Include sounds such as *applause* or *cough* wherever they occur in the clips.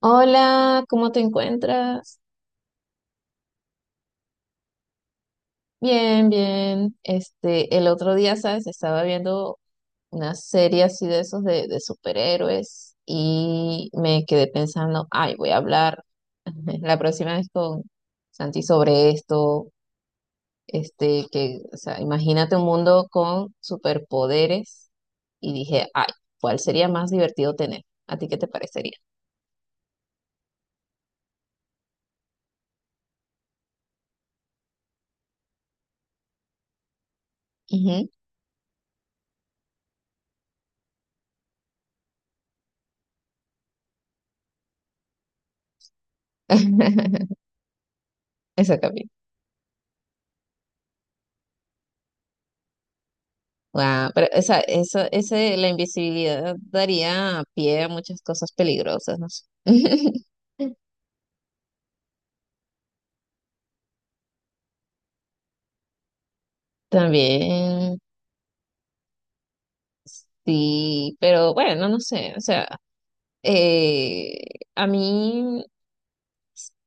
Hola, ¿cómo te encuentras? Bien. El otro día, ¿sabes? Estaba viendo una serie así de esos de superhéroes y me quedé pensando, ay, voy a hablar *laughs* la próxima vez con Santi sobre esto. O sea, imagínate un mundo con superpoderes y dije, ay, ¿cuál sería más divertido tener? ¿A ti qué te parecería? Ujú. *laughs* Exactamente. Wow, pero la invisibilidad daría pie a muchas cosas peligrosas, no sé. *laughs* También, sí, pero bueno, no sé, o sea, eh, a mí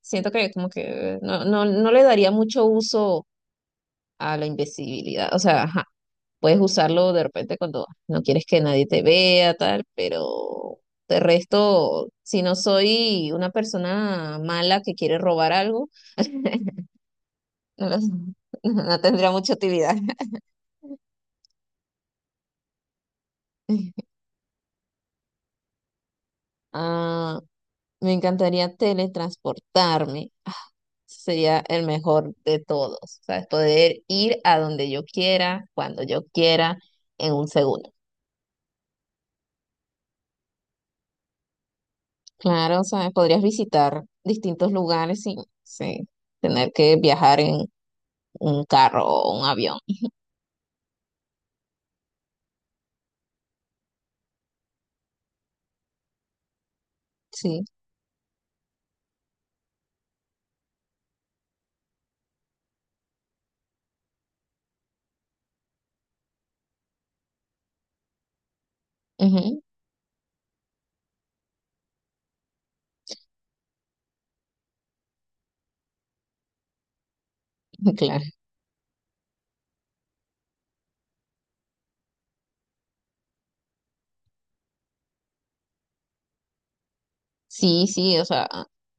siento que como que no le daría mucho uso a la invisibilidad, o sea, ajá, puedes usarlo de repente cuando no quieres que nadie te vea, tal, pero de resto, si no soy una persona mala que quiere robar algo. *laughs* No, lo sé. *laughs* No tendría mucha utilidad. *laughs* Ah, me encantaría teletransportarme. Ah, sería el mejor de todos. ¿Sabes? Poder ir a donde yo quiera, cuando yo quiera, en un segundo. Claro, ¿sabes? Podrías visitar distintos lugares sin tener que viajar en un carro o un avión. Sí, ujú. *laughs* Claro. Sí, sí, o sea,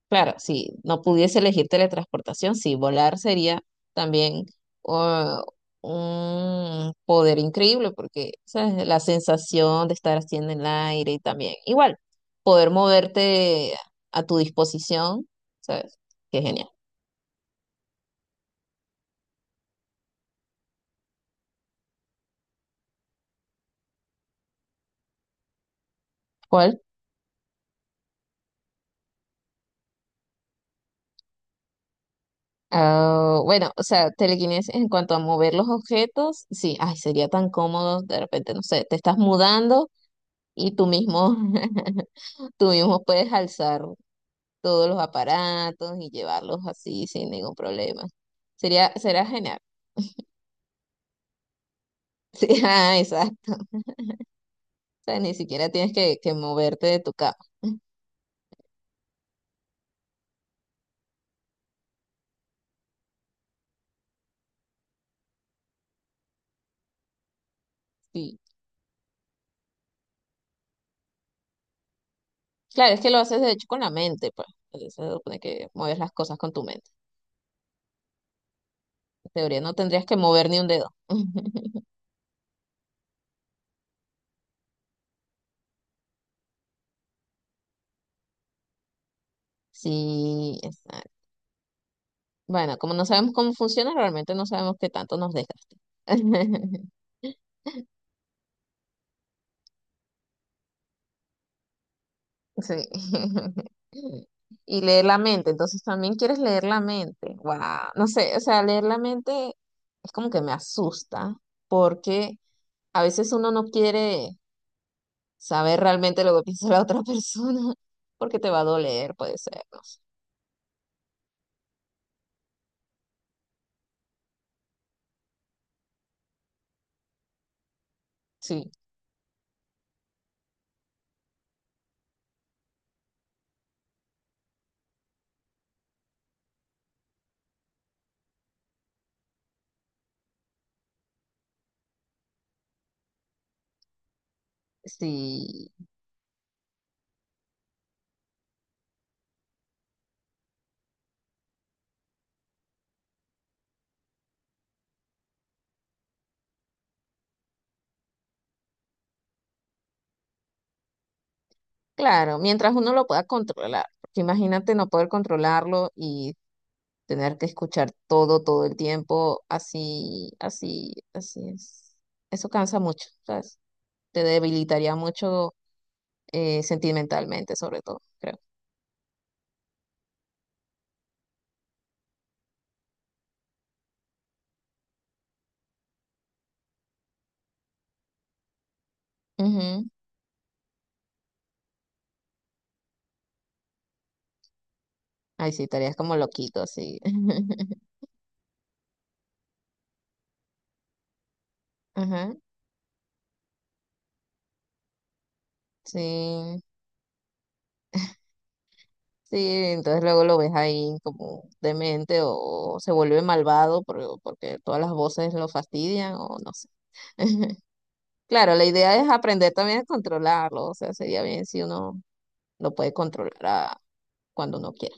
claro, si no pudiese elegir teletransportación, sí, volar sería también uh, un poder increíble porque, ¿sabes? La sensación de estar así en el aire y también, igual, poder moverte a tu disposición, ¿sabes? Qué genial. ¿Cuál? Ah, bueno, o sea, telequinesis en cuanto a mover los objetos, sí, ay, sería tan cómodo, de repente, no sé, te estás mudando y tú mismo, *laughs* tú mismo puedes alzar todos los aparatos y llevarlos así sin ningún problema. Será genial. *laughs* Sí, ah, exacto. O sea, ni siquiera tienes que moverte de tu cama. *laughs* Sí. Claro, es que lo haces de hecho con la mente, pues. Se supone que mueves las cosas con tu mente. En teoría no tendrías que mover ni un dedo. *laughs* Sí, exacto. Bueno, como no sabemos cómo funciona, realmente no sabemos qué tanto nos desgaste. *laughs* Sí. *laughs* Y leer la mente, entonces también quieres leer la mente. Wow, no sé, o sea, leer la mente es como que me asusta porque a veces uno no quiere saber realmente lo que *laughs* piensa la otra persona *laughs* porque te va a doler, puede ser, no sé. Sí, sí, claro, mientras uno lo pueda controlar, porque imagínate no poder controlarlo y tener que escuchar todo, todo el tiempo, así es. Eso cansa mucho, ¿sabes? Te debilitaría mucho sentimentalmente, sobre todo, creo. Ujú. Ay, sí, estarías como loquito, así. *laughs* Ajá, sí. Sí, entonces luego lo ves ahí como demente o se vuelve malvado porque todas las voces lo fastidian o no sé. *laughs* Claro, la idea es aprender también a controlarlo, o sea, sería bien si uno lo puede controlar cuando uno quiera.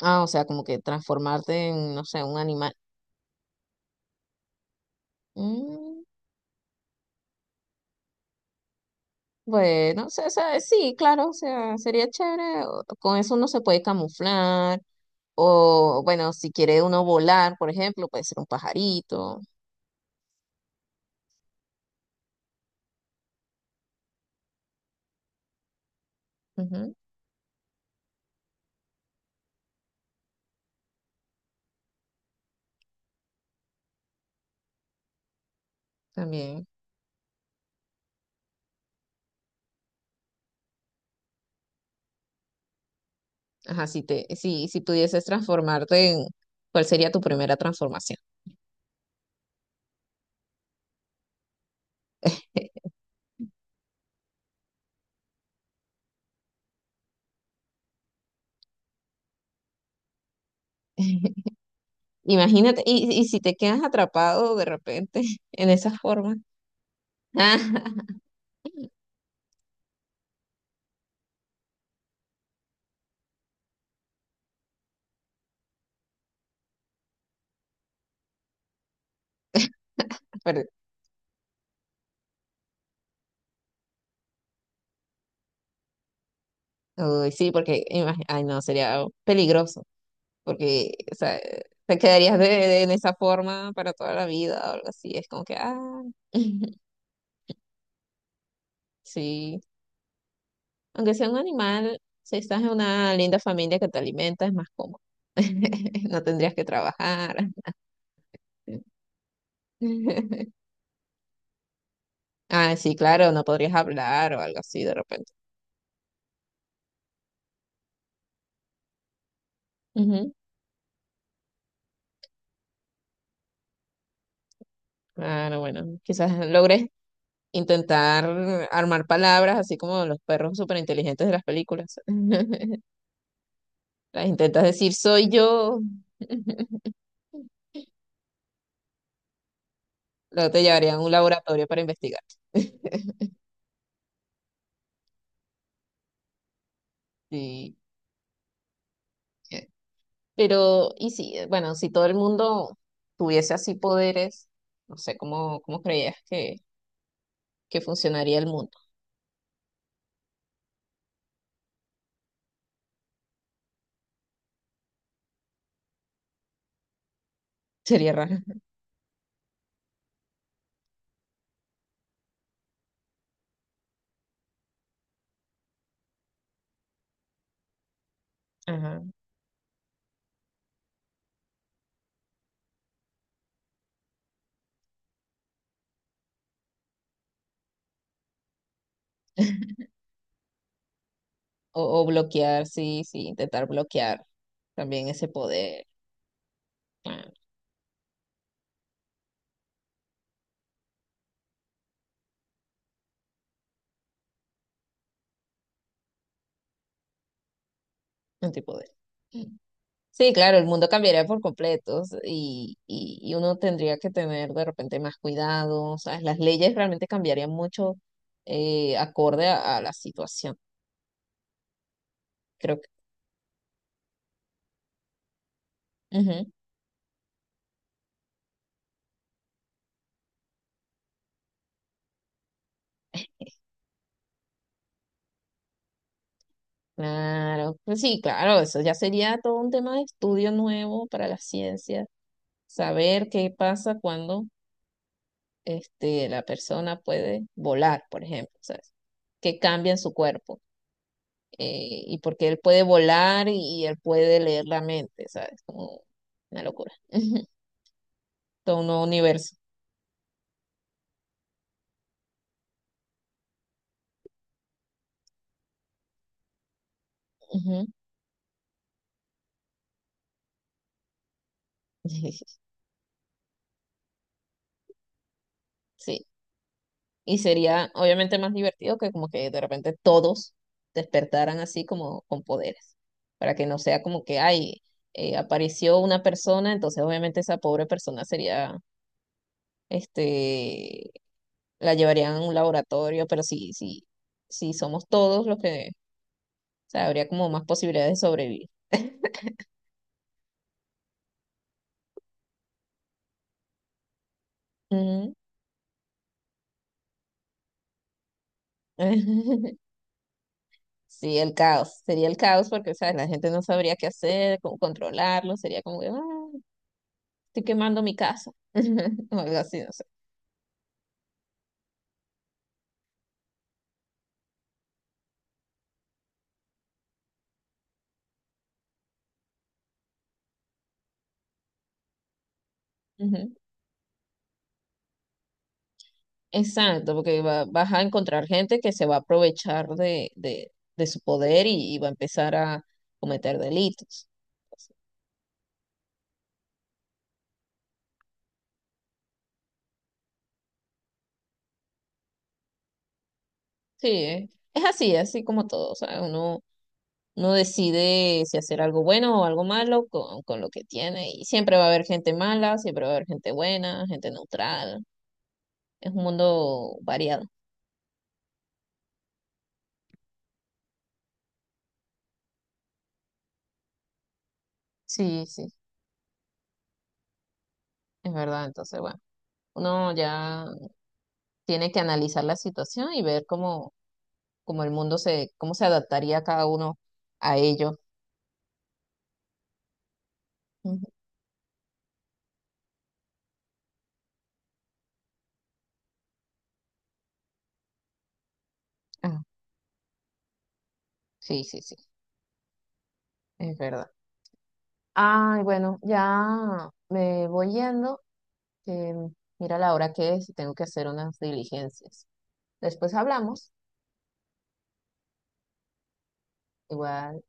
Ah, o sea, como que transformarte en, no sé, un animal. Mm. Bueno, sí, claro, o sea, sería chévere. Con eso uno se puede camuflar. O bueno, si quiere uno volar, por ejemplo, puede ser un pajarito. Ujú, también. Ajá, si te, si, si pudieses transformarte en, ¿cuál sería tu primera transformación? *laughs* Imagínate, y si te quedas atrapado de repente *laughs* en esa forma. *laughs* Pero, uy, sí, porque ay, no, sería peligroso. Porque, o sea, te quedarías en esa forma para toda la vida o algo así. Es como que, ah, *laughs* sí. Aunque sea un animal, si estás en una linda familia que te alimenta, es más cómodo. *laughs* No tendrías que trabajar. *laughs* Ah, sí, claro, no podrías hablar o algo así de repente. Ujú. Claro, bueno, quizás logres intentar armar palabras así como los perros superinteligentes de las películas. *laughs* Las intentas decir soy yo. *laughs* Luego te llevarían a un laboratorio para investigar. *laughs* Sí. eh, Pero, y sí, bueno, si todo el mundo tuviese así poderes, no sé cómo creías que funcionaría el mundo. *laughs* Sería raro. Ajá. O bloquear, sí, sí, intentar bloquear también ese poder, claro, antipoder. Sí, claro, el mundo cambiaría por completo y uno tendría que tener de repente más cuidado, ¿sabes? Las leyes realmente cambiarían mucho, acorde a la situación. Creo que. Ujú. Claro, pues sí, claro, eso ya sería todo un tema de estudio nuevo para la ciencia, saber qué pasa cuando la persona puede volar, por ejemplo, ¿sabes? Qué cambia en su cuerpo, y por qué él puede volar él puede leer la mente, ¿sabes? Como una locura, *laughs* todo un nuevo universo. Ujú. *laughs* Sí, y sería obviamente más divertido que como que de repente todos despertaran así como con poderes, para que no sea como que, ay, apareció una persona, entonces obviamente esa pobre persona sería, este, la llevarían a un laboratorio, pero si somos todos los que, o sea, habría como más posibilidades de sobrevivir. Ujú. *laughs* Sí, el caos, sería el caos porque, ¿sabes? La gente no sabría qué hacer, cómo controlarlo, sería como que, "Ah, estoy quemando mi casa", *laughs* o algo así, no sé. Ujú. Exacto, porque vas a encontrar gente que se va a aprovechar de su poder y va a empezar a cometer delitos. Sí, es así, así como todo. O sea, uno decide si hacer algo bueno o algo malo con lo que tiene. Y siempre va a haber gente mala, siempre va a haber gente buena, gente neutral. Es un mundo variado. Sí, sí, es verdad. Entonces, bueno, uno ya tiene que analizar la situación y ver cómo como el mundo se, cómo se adaptaría cada uno a ello. Ujú. Ah, sí, sí, sí, es verdad. Ay, bueno, ya me voy yendo, que mira la hora que es y tengo que hacer unas diligencias. Después hablamos, igual.